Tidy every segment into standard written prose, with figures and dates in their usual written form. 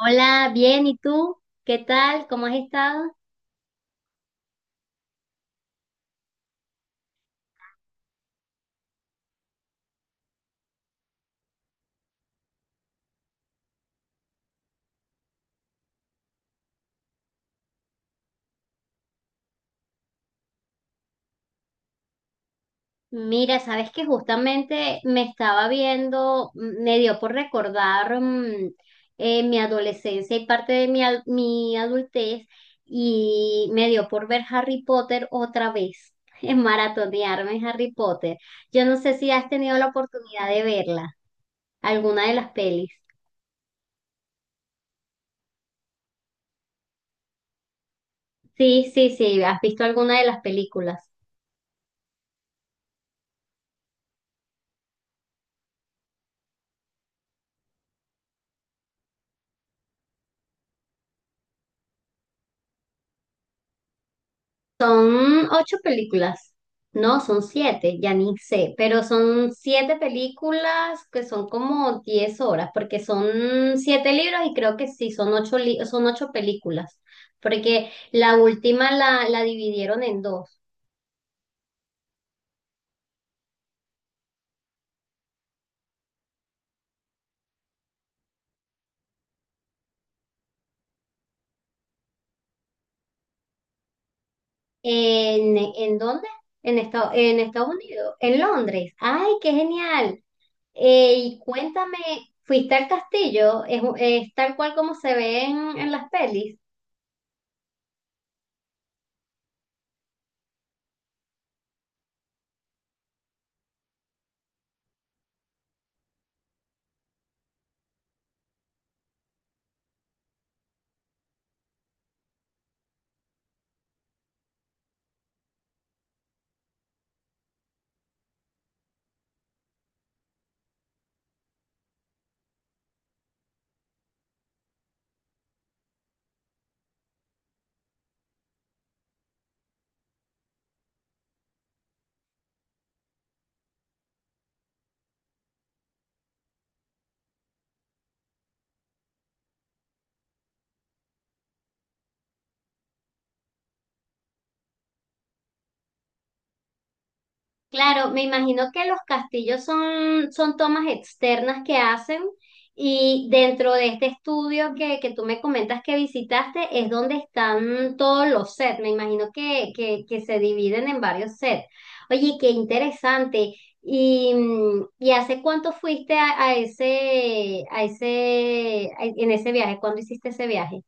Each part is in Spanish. Hola, bien, ¿y tú? ¿Qué tal? ¿Cómo has estado? Mira, sabes que justamente me estaba viendo, me dio por recordar mi adolescencia y parte de mi adultez y me dio por ver Harry Potter otra vez, en maratonearme en Harry Potter. Yo no sé si has tenido la oportunidad de verla, alguna de las pelis. Sí, sí, sí, ¿has visto alguna de las películas? Son ocho películas, no, son siete, ya ni sé, pero son siete películas que son como 10 horas, porque son siete libros y creo que sí, son ocho, son ocho películas, porque la última la dividieron en dos. En dónde? En Estados Unidos, en Londres. ¡Ay, qué genial! Y cuéntame, ¿fuiste al castillo? Es tal cual como se ve en las pelis? Claro, me imagino que los castillos son, son tomas externas que hacen y dentro de este estudio que tú me comentas que visitaste es donde están todos los sets. Me imagino que se dividen en varios sets. Oye, qué interesante. ¿Y, y hace cuánto fuiste a ese, en ese viaje? ¿Cuándo hiciste ese viaje?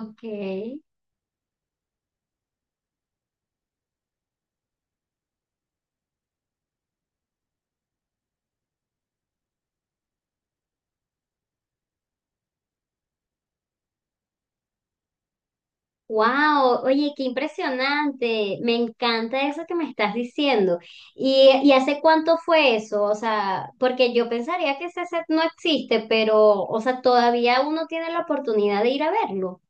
Ok. Wow, oye, qué impresionante. Me encanta eso que me estás diciendo. Y hace cuánto fue eso? O sea, porque yo pensaría que ese set no existe, pero, o sea, todavía uno tiene la oportunidad de ir a verlo.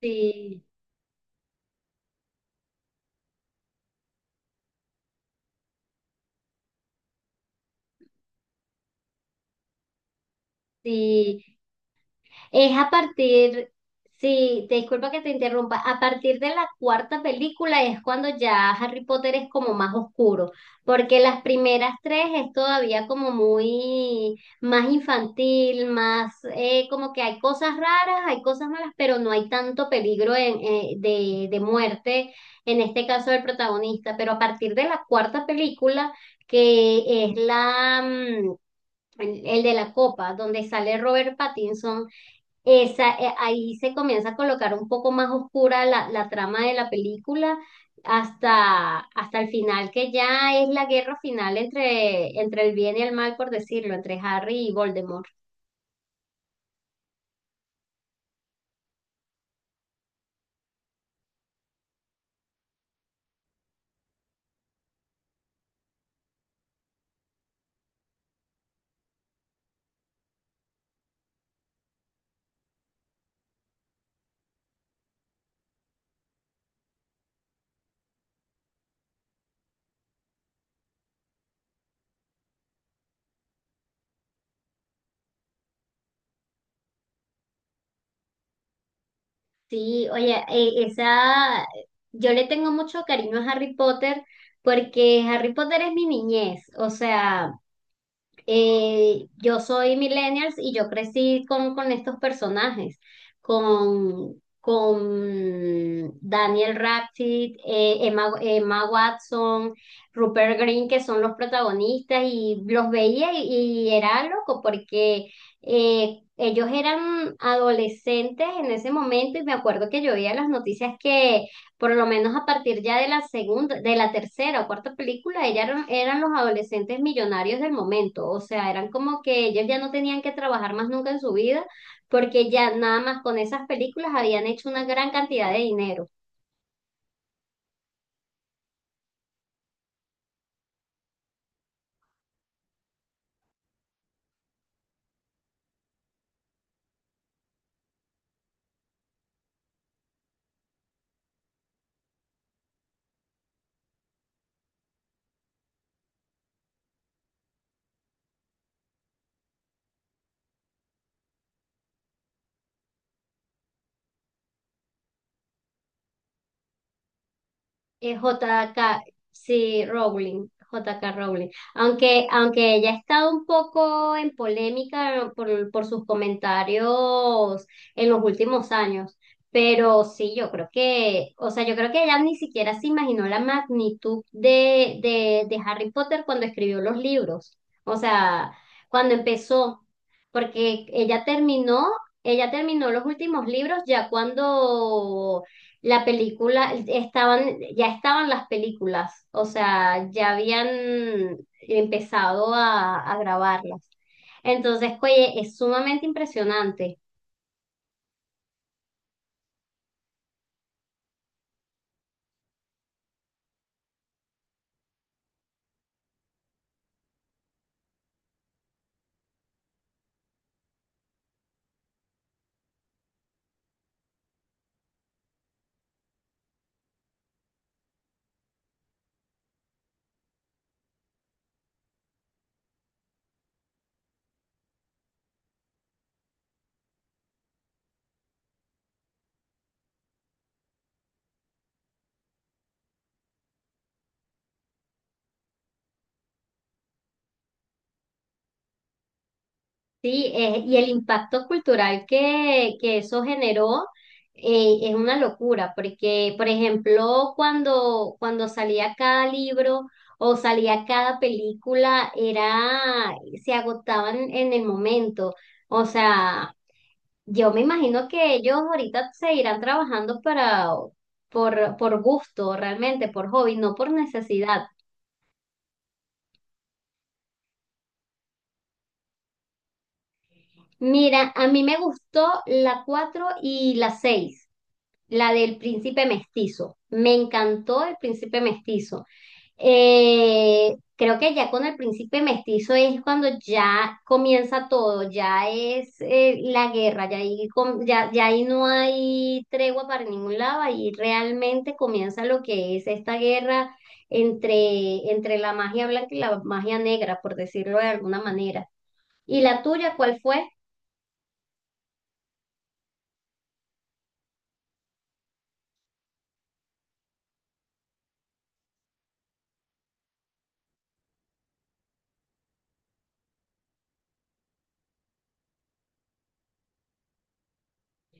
Sí, sí. Es a partir, sí, te disculpa que te interrumpa, a partir de la cuarta película es cuando ya Harry Potter es como más oscuro, porque las primeras tres es todavía como muy más infantil, más como que hay cosas raras, hay cosas malas, pero no hay tanto peligro de muerte, en este caso del protagonista, pero a partir de la cuarta película, que es el de la copa, donde sale Robert Pattinson, esa, ahí se comienza a colocar un poco más oscura la trama de la película hasta, hasta el final, que ya es la guerra final entre, entre el bien y el mal, por decirlo, entre Harry y Voldemort. Sí, oye, yo le tengo mucho cariño a Harry Potter porque Harry Potter es mi niñez, o sea... yo soy millennials y yo crecí con estos personajes, con Daniel Radcliffe, Emma Watson, Rupert Grint, que son los protagonistas, y los veía y era loco porque ellos eran adolescentes en ese momento y me acuerdo que yo veía las noticias que por lo menos a partir ya de la segunda, de la tercera o cuarta película, ella eran, eran los adolescentes millonarios del momento, o sea, eran como que ellos ya no tenían que trabajar más nunca en su vida, porque ya nada más con esas películas habían hecho una gran cantidad de dinero. J.K. Sí, Rowling, J.K. Rowling. Aunque, aunque ella ha estado un poco en polémica por sus comentarios en los últimos años. Pero sí, yo creo que, o sea, yo creo que ella ni siquiera se imaginó la magnitud de Harry Potter cuando escribió los libros. O sea, cuando empezó, porque ella terminó los últimos libros ya cuando ya estaban las películas, o sea, ya habían empezado a grabarlas. Entonces, oye, es sumamente impresionante, ¿sí? Y el impacto cultural que eso generó es una locura, porque, por ejemplo, cuando, cuando salía cada libro o salía cada película, era, se agotaban en el momento. O sea, yo me imagino que ellos ahorita se irán trabajando para, por gusto, realmente, por hobby, no por necesidad. Mira, a mí me gustó la 4 y la 6 la del príncipe mestizo. Me encantó el príncipe mestizo. Creo que ya con el príncipe mestizo es cuando ya comienza todo, ya es la guerra, ya ahí, ya ahí no hay tregua para ningún lado, ahí realmente comienza lo que es esta guerra entre, entre la magia blanca y la magia negra, por decirlo de alguna manera. ¿Y la tuya cuál fue?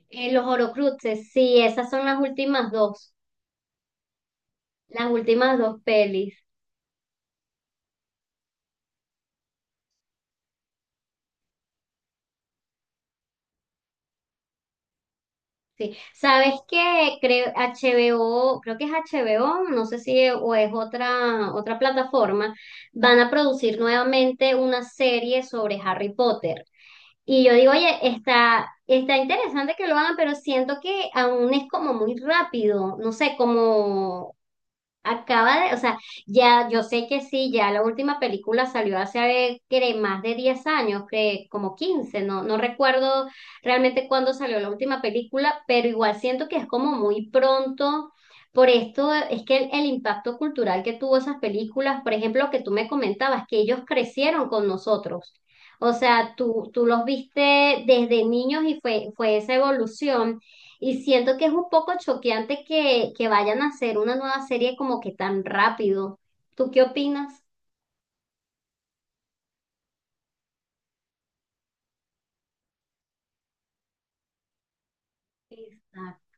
Los Horocruxes, sí, esas son las últimas dos pelis. Sí, sabes que creo HBO, creo que es HBO, no sé si o es otra otra plataforma, van a producir nuevamente una serie sobre Harry Potter. Y yo digo, oye, está interesante que lo hagan, pero siento que aún es como muy rápido, no sé, como acaba de, o sea, ya yo sé que sí, ya la última película salió hace, creo, más de 10 años, que como 15 no, no recuerdo realmente cuándo salió la última película, pero igual siento que es como muy pronto. Por esto es que el impacto cultural que tuvo esas películas, por ejemplo, que tú me comentabas, que ellos crecieron con nosotros. O sea, tú los viste desde niños y fue, fue esa evolución. Y siento que es un poco choqueante que vayan a hacer una nueva serie como que tan rápido. ¿Tú qué opinas? Exacto.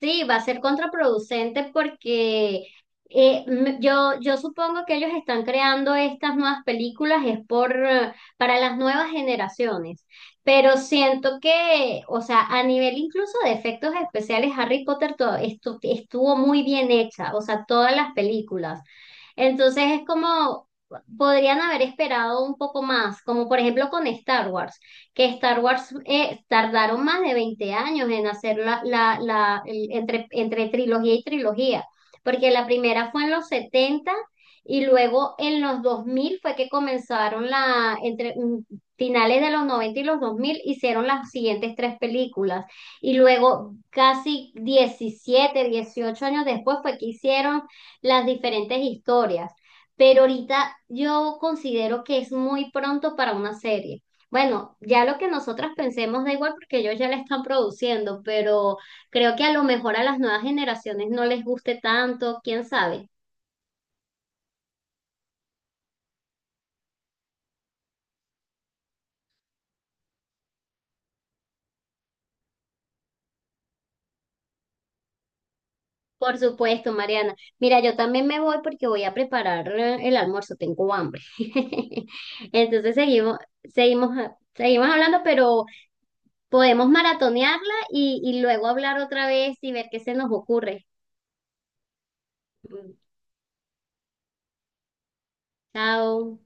Sí, va a ser contraproducente porque yo supongo que ellos están creando estas nuevas películas es por, para las nuevas generaciones, pero siento que, o sea, a nivel incluso de efectos especiales, Harry Potter to- estu- estuvo muy bien hecha, o sea, todas las películas. Entonces es como, podrían haber esperado un poco más, como por ejemplo con Star Wars, que Star Wars tardaron más de 20 años en hacer entre, entre trilogía y trilogía, porque la primera fue en los 70 y luego en los 2000 fue que comenzaron finales de los 90 y los 2000 hicieron las siguientes tres películas. Y luego, casi 17 o 18 años después, fue que hicieron las diferentes historias, pero ahorita yo considero que es muy pronto para una serie. Bueno, ya lo que nosotras pensemos da igual porque ellos ya la están produciendo, pero creo que a lo mejor a las nuevas generaciones no les guste tanto, quién sabe. Por supuesto, Mariana. Mira, yo también me voy porque voy a preparar el almuerzo, tengo hambre. Entonces seguimos, seguimos, seguimos hablando, pero podemos maratonearla y luego hablar otra vez y ver qué se nos ocurre. Chao.